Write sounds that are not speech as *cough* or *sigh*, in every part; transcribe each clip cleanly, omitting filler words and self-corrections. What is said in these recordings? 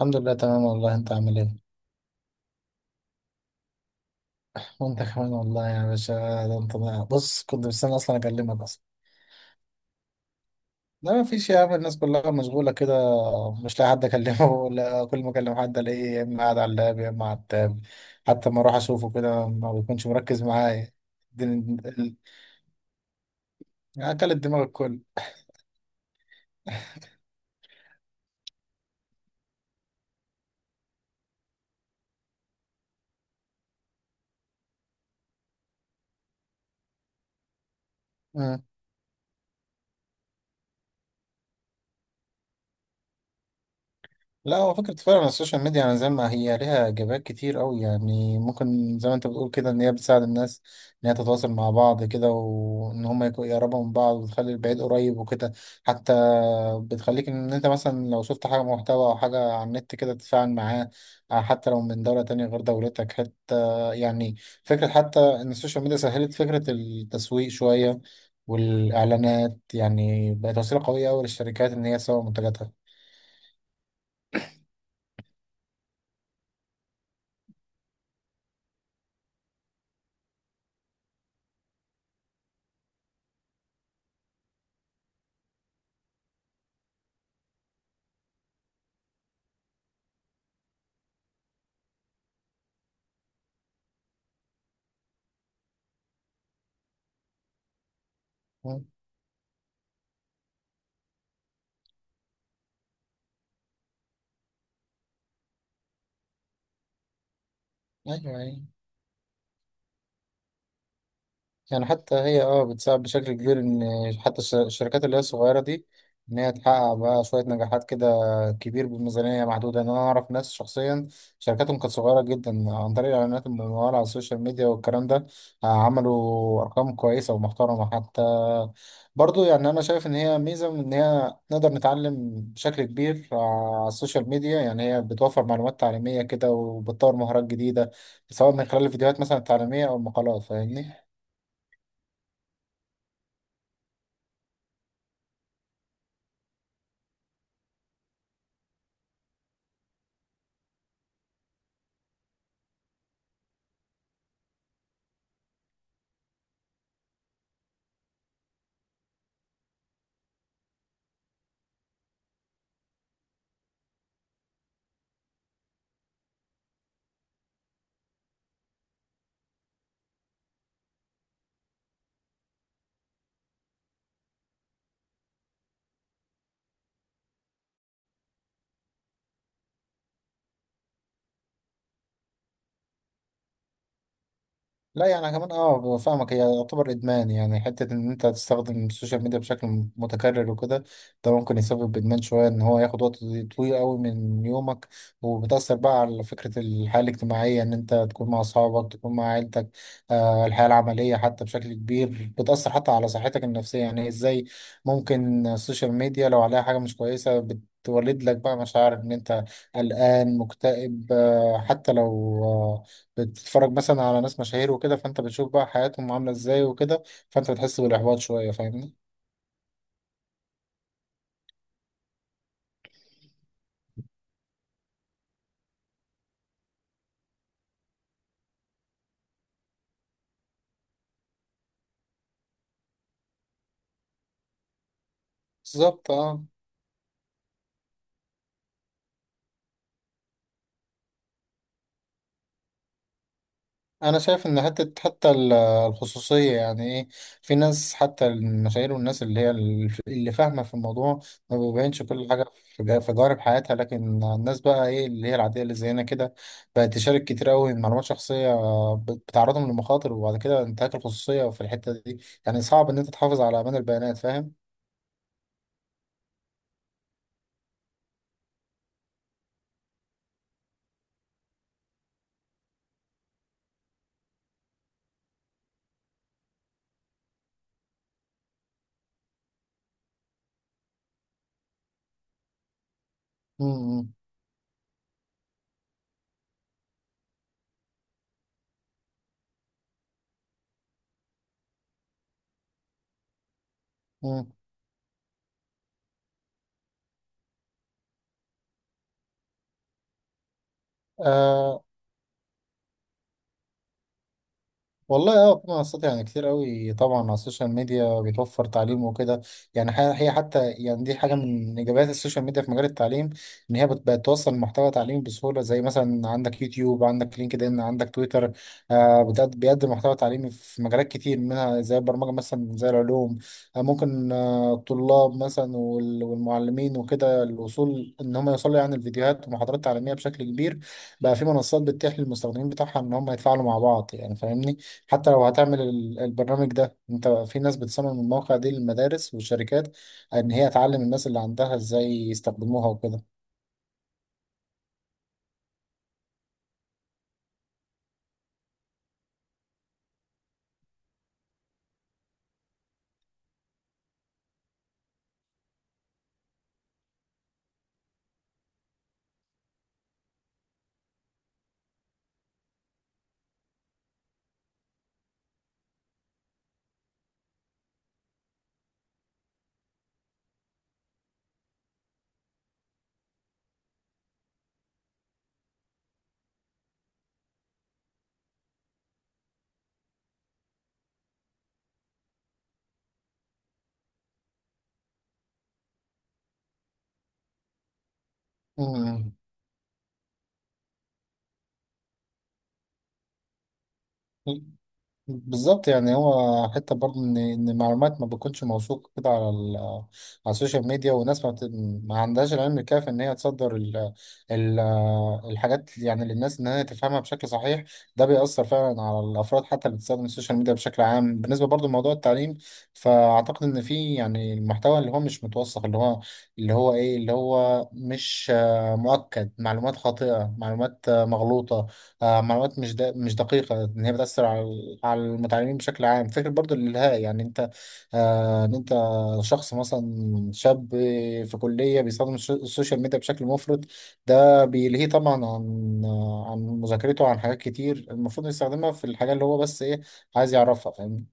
الحمد لله، تمام والله. انت عامل ايه؟ وانت كمان والله يا باشا. بص، كنت مستني اصلا اكلمك اصلا. لا ما فيش يا عم، الناس كلها مشغوله كده. مش لاقي حد اكلمه *laughs* ولا كل ما اكلم حد الاقيه يا اما قاعد على اللاب يا اما على التاب. حتى ما اروح اشوفه كده ما بيكونش مركز معايا. الدن- ال- اكلت دماغ الكل. لا، هو فكرة فعلا السوشيال ميديا، يعني زي ما هي ليها إيجابيات كتير أوي، يعني ممكن زي ما أنت بتقول كده إن هي بتساعد الناس إن هي تتواصل مع بعض كده، وإن هما يقربوا من بعض وتخلي البعيد قريب وكده. حتى بتخليك إن أنت مثلا لو شفت حاجة محتوى أو حاجة على النت كده تتفاعل معاه، حتى لو من دولة تانية غير دولتك حتى. يعني فكرة حتى إن السوشيال ميديا سهلت فكرة التسويق شوية، والإعلانات يعني بقت وسيلة قوية أوي للشركات إن هي تسوق منتجاتها. مم. أيوه، أيوه. يعني حتى هي بتساعد بشكل كبير، ان حتى الشركات اللي هي الصغيره دي ان هي تحقق بقى شويه نجاحات كده كبير بميزانيه محدوده. ان انا اعرف ناس شخصيا شركاتهم كانت صغيره جدا، عن طريق الاعلانات المموله على السوشيال ميديا والكلام ده عملوا ارقام كويسه ومحترمه حتى. برضو يعني انا شايف ان هي ميزه، من ان هي نقدر نتعلم بشكل كبير على السوشيال ميديا. يعني هي بتوفر معلومات تعليميه كده وبتطور مهارات جديده، سواء من خلال الفيديوهات مثلا التعليميه او المقالات، فاهمني. لا يعني أنا كمان فاهمك. هي يعتبر ادمان، يعني حته ان انت تستخدم السوشيال ميديا بشكل متكرر وكده، ده ممكن يسبب ادمان شويه، ان هو ياخد وقت طويل قوي من يومك، وبتاثر بقى على فكره الحياه الاجتماعيه ان انت تكون مع اصحابك، تكون مع عيلتك. الحياه العمليه حتى بشكل كبير بتاثر، حتى على صحتك النفسيه. يعني ازاي؟ ممكن السوشيال ميديا لو عليها حاجه مش كويسه بتولد لك بقى مشاعر ان انت قلقان، مكتئب، حتى لو، آه، بتتفرج مثلا على ناس مشاهير وكده، فانت بتشوف بقى حياتهم عامله ازاي وكده، فانت بتحس بالاحباط شويه، فاهمني. بالظبط اه. انا شايف ان حتى الخصوصيه يعني ايه، في ناس حتى المشاهير والناس اللي هي اللي فاهمه في الموضوع ما بيبينش كل حاجه في في جوانب حياتها. لكن الناس بقى ايه اللي هي العاديه اللي زينا كده بقت تشارك كتير قوي معلومات شخصيه، بتعرضهم لمخاطر، وبعد كده انتهاك الخصوصيه في الحته دي، يعني صعب ان انت تحافظ على امان البيانات، فاهم؟ امم والله في منصات يعني كتير قوي طبعا على السوشيال ميديا بتوفر تعليم وكده. يعني هي حتى يعني دي حاجه من ايجابيات السوشيال ميديا في مجال التعليم، ان هي بتوصل محتوى تعليمي بسهوله، زي مثلا عندك يوتيوب، عندك لينكد ان، عندك تويتر. بيقدم محتوى تعليمي في مجالات كتير، منها زي البرمجه مثلا، زي العلوم. ممكن الطلاب مثلا والمعلمين وكده الوصول، ان هم يوصلوا يعني الفيديوهات ومحاضرات تعليميه بشكل كبير. بقى في منصات بتتيح للمستخدمين بتاعها ان هم يتفاعلوا مع بعض، يعني فاهمني. حتى لو هتعمل البرنامج ده انت، في ناس بتصمم المواقع دي للمدارس والشركات، ان هي تعلم الناس اللي عندها ازاي يستخدموها وكده. مم. بالظبط. يعني هو حتى برضه ان المعلومات ما بتكونش موثوقه كده على على السوشيال ميديا، والناس ما عندهاش العلم الكافي ان هي تصدر ال... الحاجات، يعني للناس ان هي تفهمها بشكل صحيح. ده بيأثر فعلا على الافراد حتى اللي بتستخدم السوشيال ميديا بشكل عام، بالنسبه برضه لموضوع التعليم. فاعتقد ان في يعني المحتوى اللي هو مش متوثق، اللي هو مش مؤكد، معلومات خاطئه، معلومات مغلوطه، معلومات مش دقيقة، إن هي بتأثر على المتعلمين بشكل عام. فكرة برضو الإلهاء، يعني أنت، إن أنت شخص مثلا شاب في كلية بيستخدم السوشيال ميديا بشكل مفرط، ده بيلهيه طبعا عن مذاكرته، عن حاجات كتير المفروض يستخدمها في الحاجة اللي هو بس إيه عايز يعرفها، فاهمني.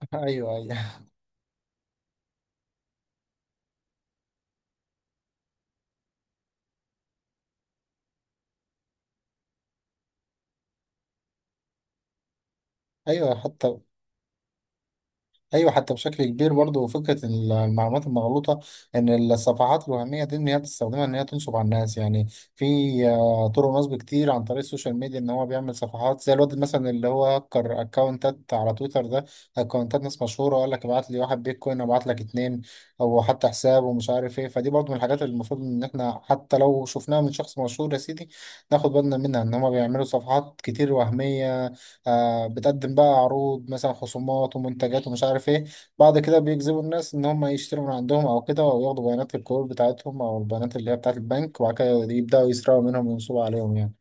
*laughs* أيوه، أيوه، أيوه، حتى ايوه، حتى بشكل كبير. برضه فكره المعلومات المغلوطه، ان الصفحات الوهميه دي ان هي بتستخدمها ان هي تنصب على الناس، يعني في طرق نصب كتير عن طريق السوشيال ميديا. ان هو بيعمل صفحات زي الواد مثلا اللي هو هكر اكونتات على تويتر ده، اكونتات ناس مشهوره، وقال لك ابعت لي واحد بيتكوين ابعت لك اتنين، او حتى حساب ومش عارف ايه. فدي برضه من الحاجات اللي المفروض ان احنا حتى لو شفناها من شخص مشهور يا سيدي ناخد بالنا منها، ان هما بيعملوا صفحات كتير وهميه بتقدم بقى عروض مثلا خصومات ومنتجات ومش عارف ايه، بعد كده بيجذبوا الناس ان هم يشتروا من عندهم او كده، او ياخدوا بيانات الكور بتاعتهم او البيانات اللي هي بتاعت البنك، وبعد كده يبداوا يسرقوا منهم وينصبوا عليهم، يعني.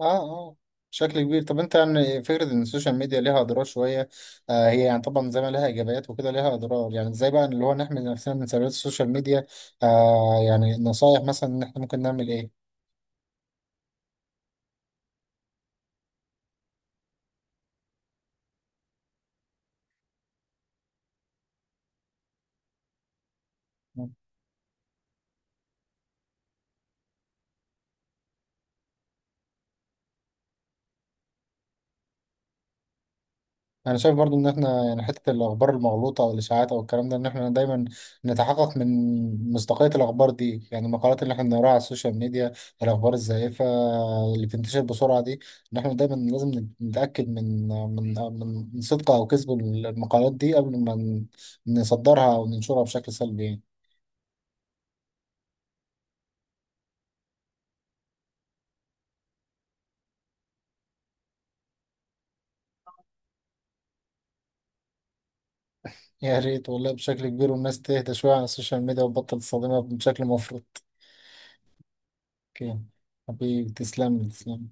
اه، اه، بشكل كبير. طب انت يعني فكرة ان السوشيال ميديا ليها اضرار شوية، هي يعني طبعا زي ما ليها ايجابيات وكده ليها اضرار، يعني ازاي بقى اللي هو نحمي نفسنا من سلبيات السوشيال ميديا، يعني نصايح مثلا ان احنا ممكن نعمل ايه؟ انا شايف برضو ان احنا يعني حته الاخبار المغلوطه والاشاعات او الكلام ده، ان احنا دايما نتحقق من مصداقيه الاخبار دي، يعني المقالات اللي احنا بنقراها على السوشيال ميديا، الاخبار الزائفه اللي بتنتشر بسرعه دي، ان احنا دايما لازم نتاكد من صدق او كذب المقالات دي قبل ما نصدرها او ننشرها بشكل سلبي يعني. يا ريت والله بشكل كبير، والناس تهدى شويه على السوشيال ميديا وتبطل تصطدمها بشكل مفروض. اوكي. حبيبي تسلم لي، تسلم.